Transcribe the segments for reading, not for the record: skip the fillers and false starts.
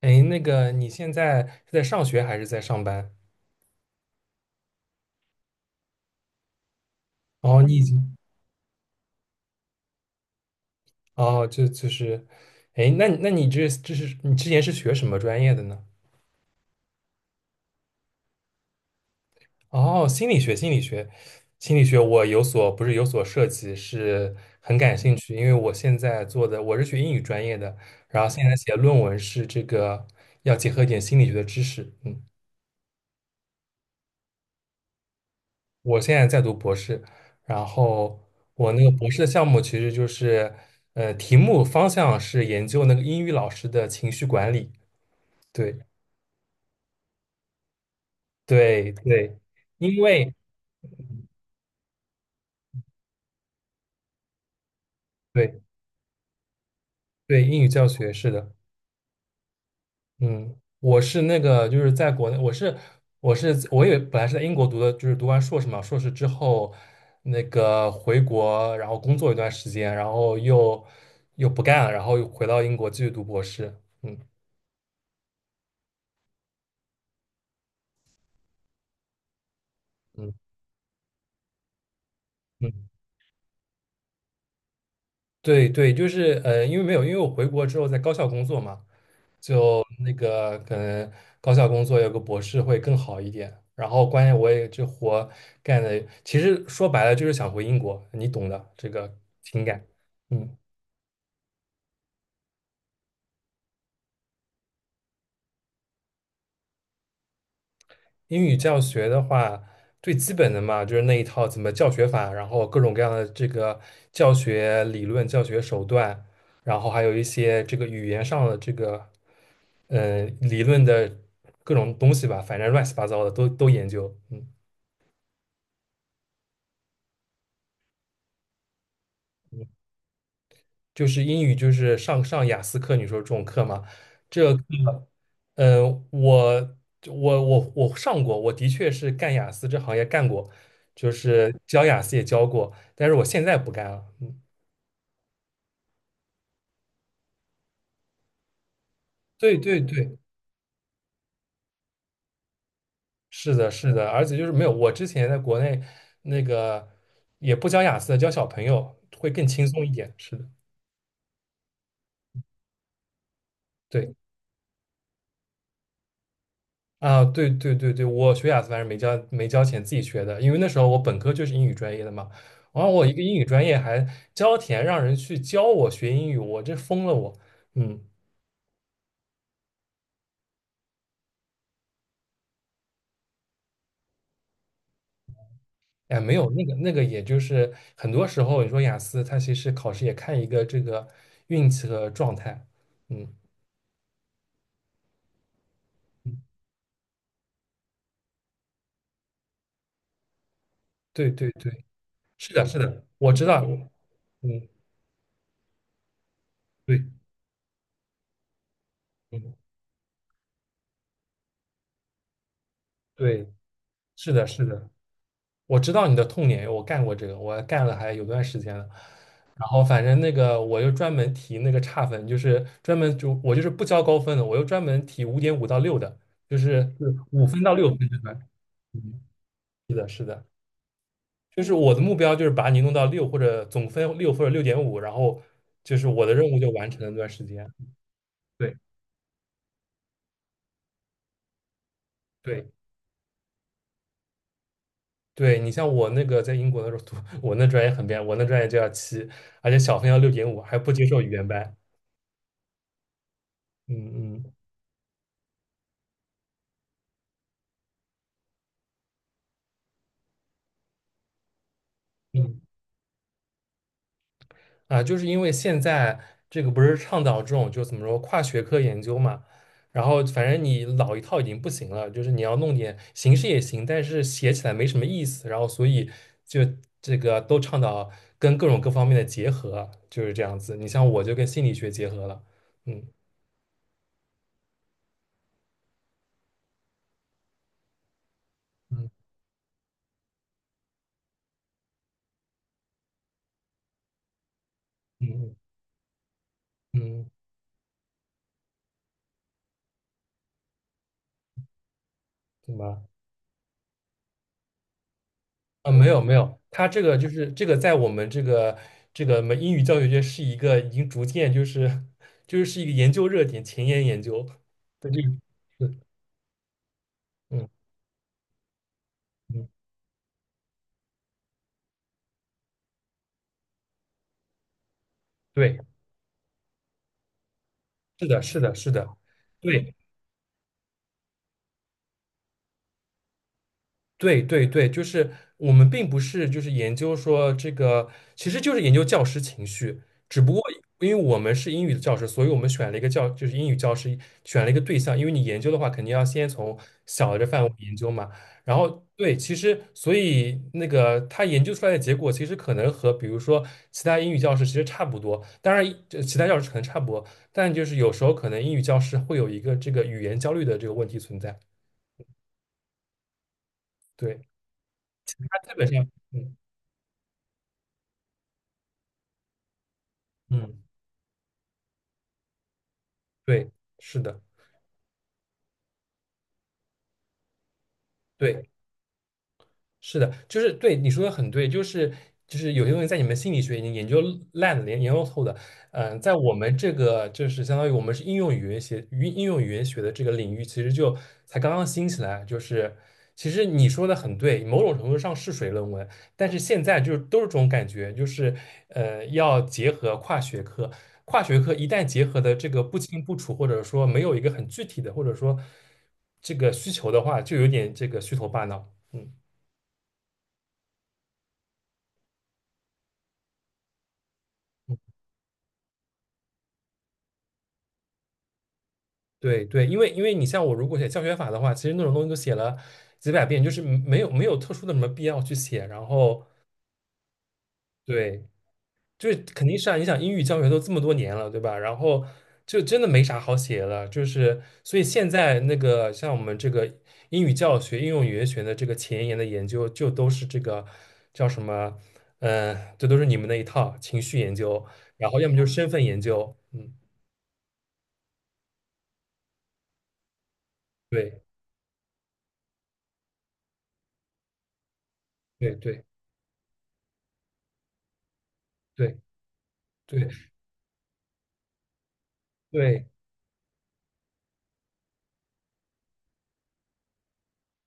哎，你现在是在上学还是在上班？哦，你已经，哦，就是，哎，那你这你之前是学什么专业的呢？哦，心理学，心理学，心理学，我有所不是有所涉及，是很感兴趣，因为我现在做的我是学英语专业的，然后现在写论文是这个要结合一点心理学的知识，嗯。我现在在读博士，然后我那个博士的项目其实就是，题目方向是研究那个英语老师的情绪管理。对对对，因为对对英语教学是的，嗯，我是那个就是在国内，我是我也本来是在英国读的，就是读完硕士嘛，硕士之后那个回国，然后工作一段时间，然后又不干了，然后又回到英国继续读博士。嗯嗯嗯。对对，就是因为没有，因为我回国之后在高校工作嘛，就那个可能高校工作有个博士会更好一点。然后关键我也这活干的，其实说白了就是想回英国，你懂的这个情感。嗯。英语教学的话，最基本的嘛，就是那一套怎么教学法，然后各种各样的这个教学理论、教学手段，然后还有一些这个语言上的这个理论的各种东西吧，反正乱七八糟的都研究。嗯，就是英语就是上雅思课，你说这种课嘛，这个课，我上过，我的确是干雅思这行业干过，就是教雅思也教过，但是我现在不干了。嗯对对对，是的，是的，而且就是没有，我之前在国内那个也不教雅思的，教小朋友会更轻松一点。是的，对啊，对对对对，我学雅思反正没交钱，自己学的，因为那时候我本科就是英语专业的嘛，然后我一个英语专业还交钱让人去教我学英语，我这疯了我，嗯。哎，没有那个，也就是很多时候，你说雅思，它其实考试也看一个这个运气和状态，嗯，嗯对对对。是的，是的，我知道，我嗯，对，嗯，对，是的，是的，我知道你的痛点，我干过这个，我干了还有段时间了。然后反正那个我又专门提那个差分，就是专门就我就是不交高分的，我又专门提五点五到六的，就是五分到六分这段。嗯，是的，是的，就是我的目标就是把你弄到六或者总分六或者六点五，然后就是我的任务就完成了那段时间。对对。对你像我那个在英国的时候读，我那专业很变，我那专业就要七，而且小分要六点五，还不接受语言班。嗯嗯嗯，啊，就是因为现在这个不是倡导这种就怎么说跨学科研究嘛，然后反正你老一套已经不行了，就是你要弄点形式也行，但是写起来没什么意思，然后所以就这个都倡导跟各种各方面的结合，就是这样子。你像我就跟心理学结合了，嗯嗯嗯嗯，嗯，对吧？啊，没有没有，它这个就是这个在我们这个我们英语教学界是一个已经逐渐就是是一个研究热点，前沿研究。对，这个是嗯嗯，对对，对对对，就是我们并不是就是研究说这个，其实就是研究教师情绪，只不过因为我们是英语的教师，所以我们选了一个教，就是英语教师选了一个对象，因为你研究的话，肯定要先从小的范围研究嘛。然后对，其实所以那个他研究出来的结果，其实可能和比如说其他英语教师其实差不多，当然这其他教师可能差不多，但就是有时候可能英语教师会有一个这个语言焦虑的这个问题存在。对，他基本上，嗯嗯。对，是的，对，是的，就是对你说的很对，就是有些东西在你们心理学已经研究烂的、研究透的，在我们这个就是相当于我们是应用语言学、应用语言学的这个领域，其实就才刚刚兴起来。就是其实你说的很对，某种程度上是水论文，但是现在就是都是这种感觉，就是要结合跨学科，跨学科一旦结合的这个不清不楚，或者说没有一个很具体的，或者说这个需求的话，就有点这个虚头巴脑，嗯。对对，因为你像我，如果写教学法的话，其实那种东西都写了几百遍，就是没有特殊的什么必要去写。然后对，就是肯定是啊，你想英语教学都这么多年了，对吧？然后就真的没啥好写的，就是所以现在那个像我们这个英语教学、应用语言学的这个前沿的研究，就都是这个叫什么？这都是你们那一套情绪研究，然后要么就是身份研究，嗯，对对对对对。对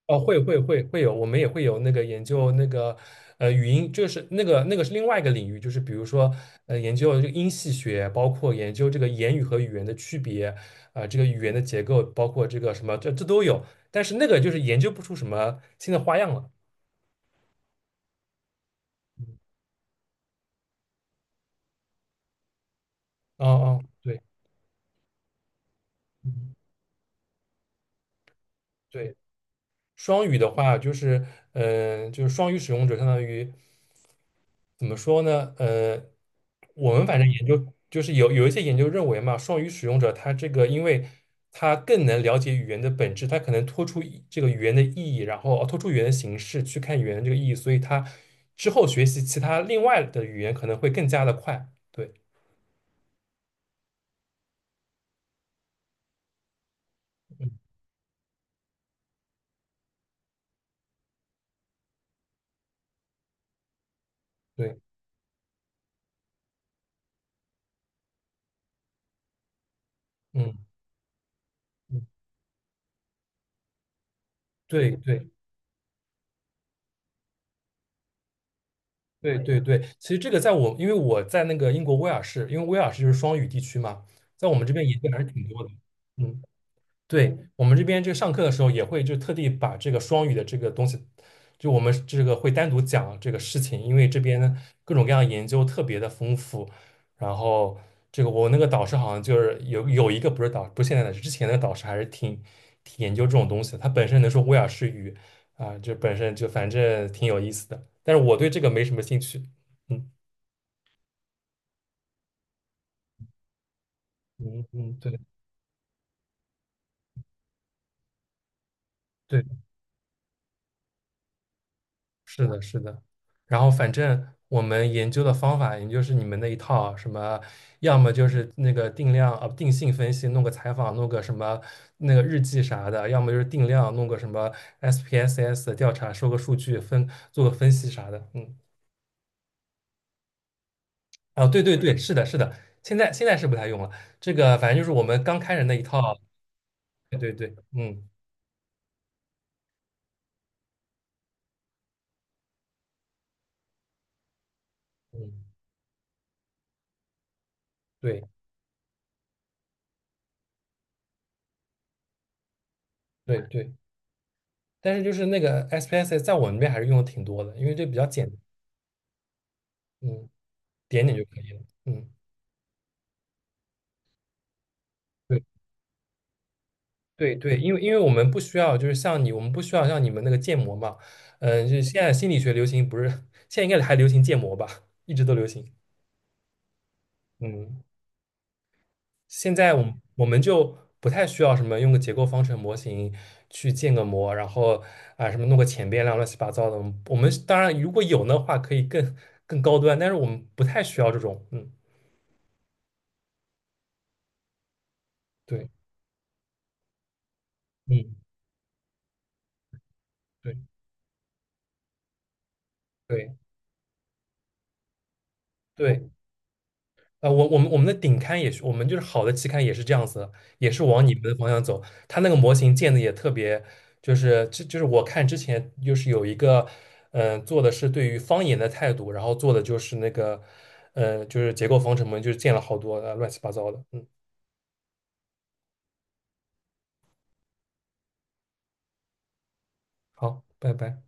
哦，会有，我们也会有那个研究那个语音，就是那个是另外一个领域，就是比如说研究这个音系学，包括研究这个言语和语言的区别，啊、这个语言的结构，包括这个什么，这都有，但是那个就是研究不出什么新的花样了。哦哦，对，嗯对，双语的话，就是，就是双语使用者，相当于怎么说呢？我们反正研究就是有一些研究认为嘛，双语使用者他这个，因为他更能了解语言的本质，他可能脱出一这个语言的意义，然后哦脱出语言的形式去看语言的这个意义，所以他之后学习其他另外的语言可能会更加的快。对，嗯，对，嗯。嗯对对对对对，其实这个在我，因为我在那个英国威尔士，因为威尔士就是双语地区嘛，在我们这边研究还是挺多的。嗯。对，我们这边就上课的时候也会就特地把这个双语的这个东西，就我们这个会单独讲这个事情，因为这边呢各种各样的研究特别的丰富。然后这个我那个导师好像就是有一个不是导，不是现在的，是之前的导师还是挺研究这种东西的他本身能说威尔士语啊，就本身就反正挺有意思的。但是我对这个没什么兴趣。嗯嗯嗯，对对。是的，是的。然后反正我们研究的方法，也就是你们那一套，什么要么就是那个定量啊，定性分析，弄个采访，弄个什么那个日记啥的，要么就是定量，弄个什么 SPSS 的调查，收个数据分，做个分析啥的。嗯，啊，对对对，是的，是的。现在是不太用了，这个反正就是我们刚开始那一套。对对对，嗯嗯，对对对。但是就是那个 SPSS 在我们那边还是用的挺多的，因为这比较简单。嗯。点点就可以了。嗯，对对对，因为我们不需要，就是像你，我们不需要像你们那个建模嘛。嗯，就是现在心理学流行不是，现在应该还流行建模吧，一直都流行。嗯，现在我们就不太需要什么用个结构方程模型去建个模，然后啊什么弄个前变量乱七八糟的。我们当然如果有的话可以更更高端，但是我们不太需要这种。嗯，对，嗯，对对对。啊，我们的顶刊也是，我们就是好的期刊也是这样子的，也是往你们的方向走。它那个模型建的也特别，就是这就是我看之前就是有一个，做的是对于方言的态度，然后做的就是那个，就是结构方程嘛，就是建了好多乱七八糟的。嗯，好，拜拜。